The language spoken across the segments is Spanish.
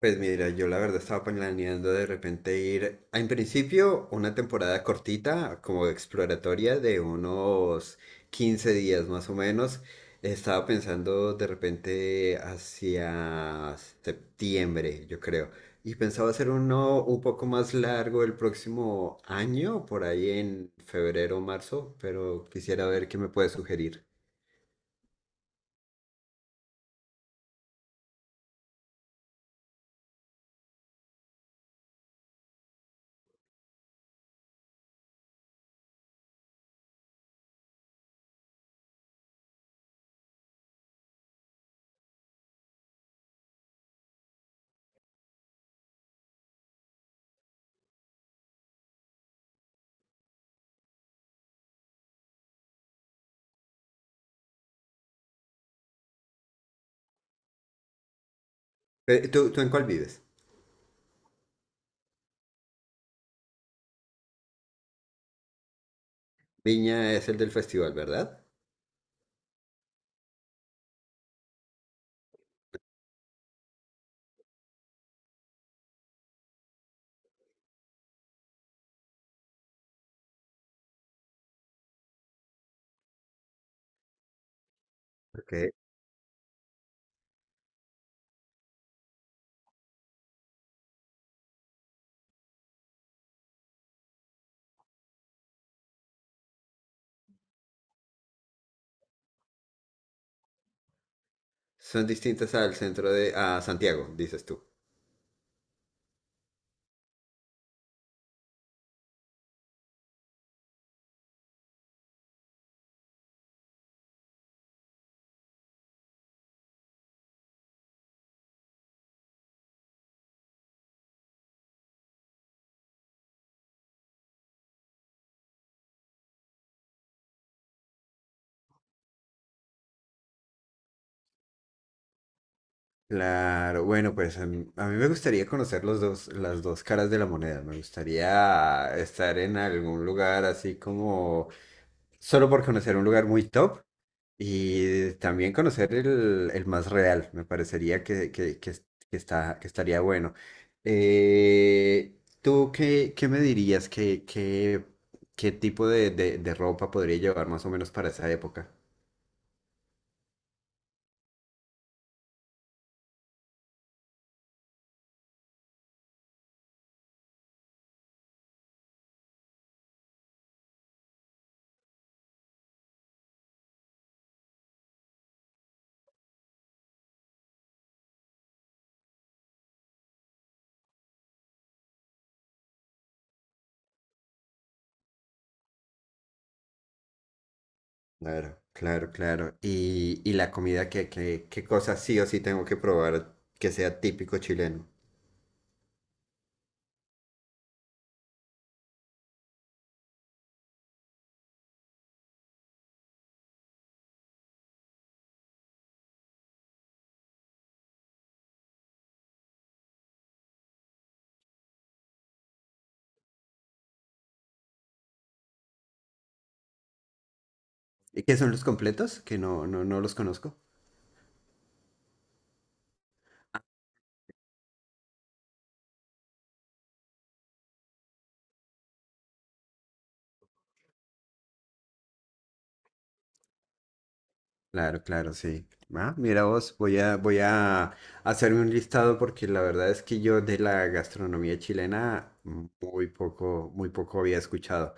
Pues mira, yo la verdad estaba planeando de repente ir, en principio, una temporada cortita, como exploratoria de unos 15 días más o menos. Estaba pensando de repente hacia septiembre, yo creo. Y pensaba hacer uno un poco más largo el próximo año, por ahí en febrero o marzo, pero quisiera ver qué me puedes sugerir. ¿Tú en cuál vives? Viña es el del festival, ¿verdad? Ok. Son distintas al centro de, a Santiago, dices tú. Claro, bueno, pues a mí me gustaría conocer los dos, las dos caras de la moneda. Me gustaría estar en algún lugar así como solo por conocer un lugar muy top y también conocer el más real. Me parecería que es- que está, que estaría bueno. ¿Tú qué me dirías? ¿Qué tipo de, de ropa podría llevar más o menos para esa época? Claro, claro, claro. Y la comida, ¿qué cosas sí o sí tengo que probar que sea típico chileno? ¿Y qué son los completos? Que no los conozco. Claro, claro, sí. Ah, mira vos, voy a hacerme un listado porque la verdad es que yo de la gastronomía chilena muy poco había escuchado.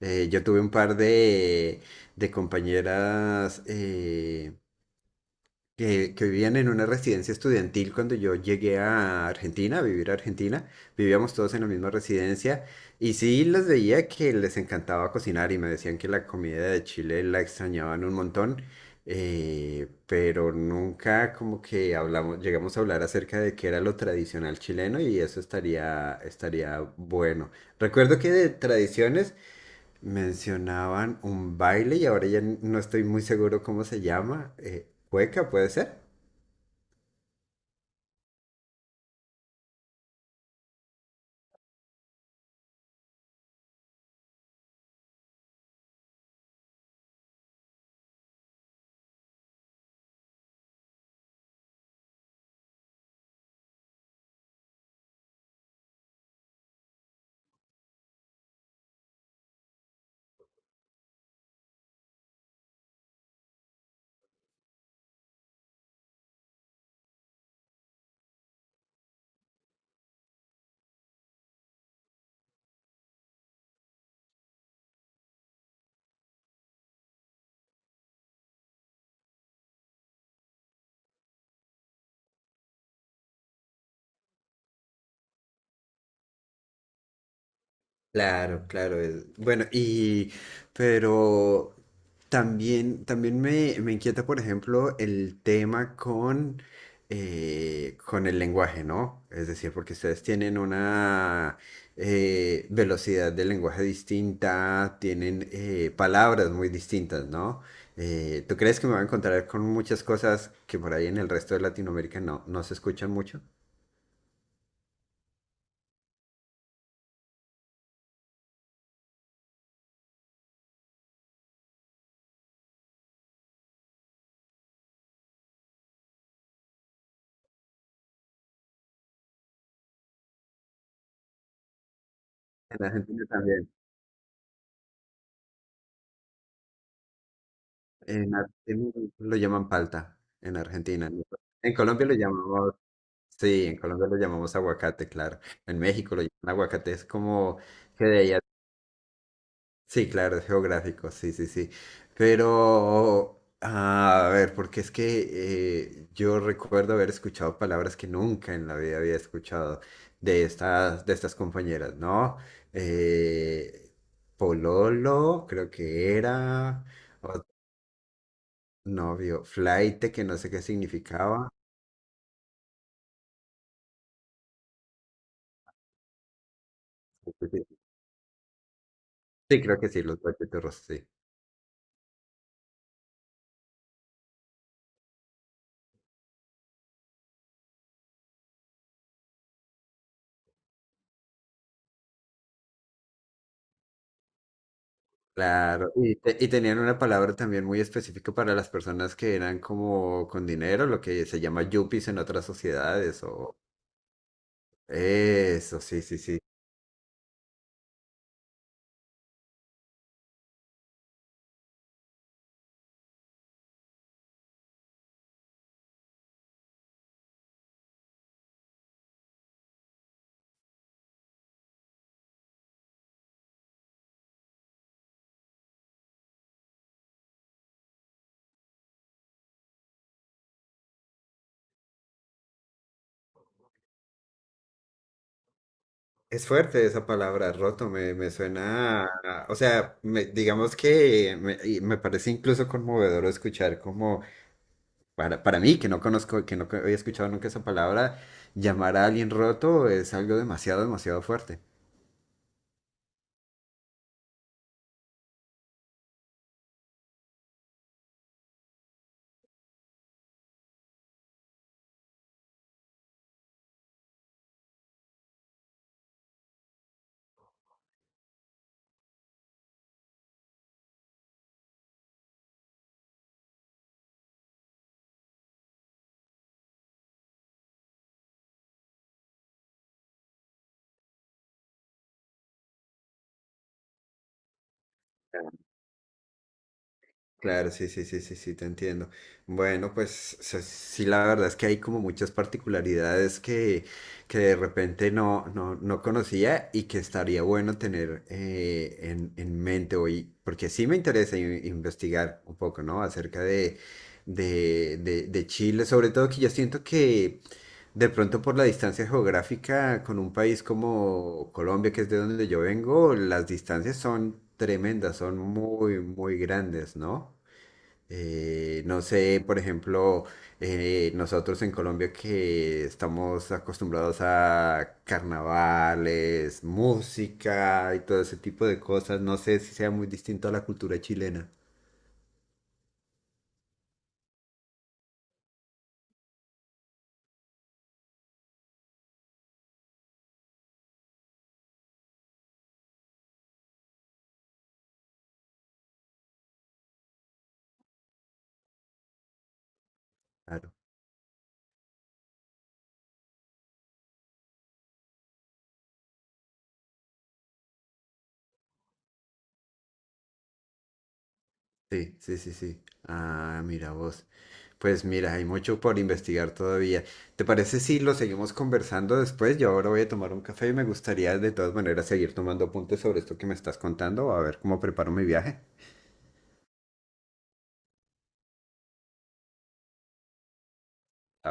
Yo tuve un par de compañeras que vivían en una residencia estudiantil cuando yo llegué a Argentina, a vivir a Argentina. Vivíamos todos en la misma residencia y sí los veía que les encantaba cocinar y me decían que la comida de Chile la extrañaban un montón, pero nunca como que hablamos, llegamos a hablar acerca de qué era lo tradicional chileno y eso estaría bueno. Recuerdo que de tradiciones mencionaban un baile y ahora ya no estoy muy seguro cómo se llama. ¿Cueca puede ser? Claro, claro. Bueno, y pero también, también me inquieta, por ejemplo, el tema con el lenguaje, ¿no? Es decir, porque ustedes tienen una velocidad de lenguaje distinta, tienen palabras muy distintas, ¿no? ¿Tú crees que me voy a encontrar con muchas cosas que por ahí en el resto de Latinoamérica no, no se escuchan mucho? En Argentina también. En Argentina lo llaman palta, en Argentina, ¿no? En Colombia lo llamamos, sí, en Colombia lo llamamos aguacate, claro. En México lo llaman aguacate, es como que de allá, sí, claro, es geográfico, sí, sí, sí. Pero, ah, a ver, porque es que yo recuerdo haber escuchado palabras que nunca en la vida había escuchado de estas compañeras, ¿no? Eh, pololo, creo que era. Novio, flaite, que no sé qué significaba. Sí, creo que sí, los guachiturros, sí. Claro. Y tenían una palabra también muy específica para las personas que eran como con dinero, lo que se llama yuppies en otras sociedades. O... Eso, sí, sí, sí. Es fuerte esa palabra, roto, me suena, o sea, digamos que me, y me parece incluso conmovedor escuchar como para mí, que no conozco, que no co- había escuchado nunca esa palabra, llamar a alguien roto es algo demasiado, demasiado fuerte. Claro, sí, sí, sí, sí, sí, te entiendo. Bueno, pues sí, la verdad es que hay como muchas particularidades que de repente no conocía y que estaría bueno tener en mente hoy, porque sí me interesa investigar un poco, ¿no? Acerca de, de Chile, sobre todo que yo siento que de pronto por la distancia geográfica con un país como Colombia, que es de donde yo vengo, las distancias son tremendas, son muy, muy grandes, ¿no? No sé, por ejemplo, nosotros en Colombia que estamos acostumbrados a carnavales, música y todo ese tipo de cosas, no sé si sea muy distinto a la cultura chilena. Claro. Sí, sí, sí, sí. Ah, mira vos. Pues mira, hay mucho por investigar todavía. ¿Te parece si lo seguimos conversando después? Yo ahora voy a tomar un café y me gustaría de todas maneras seguir tomando apuntes sobre esto que me estás contando, a ver cómo preparo mi viaje.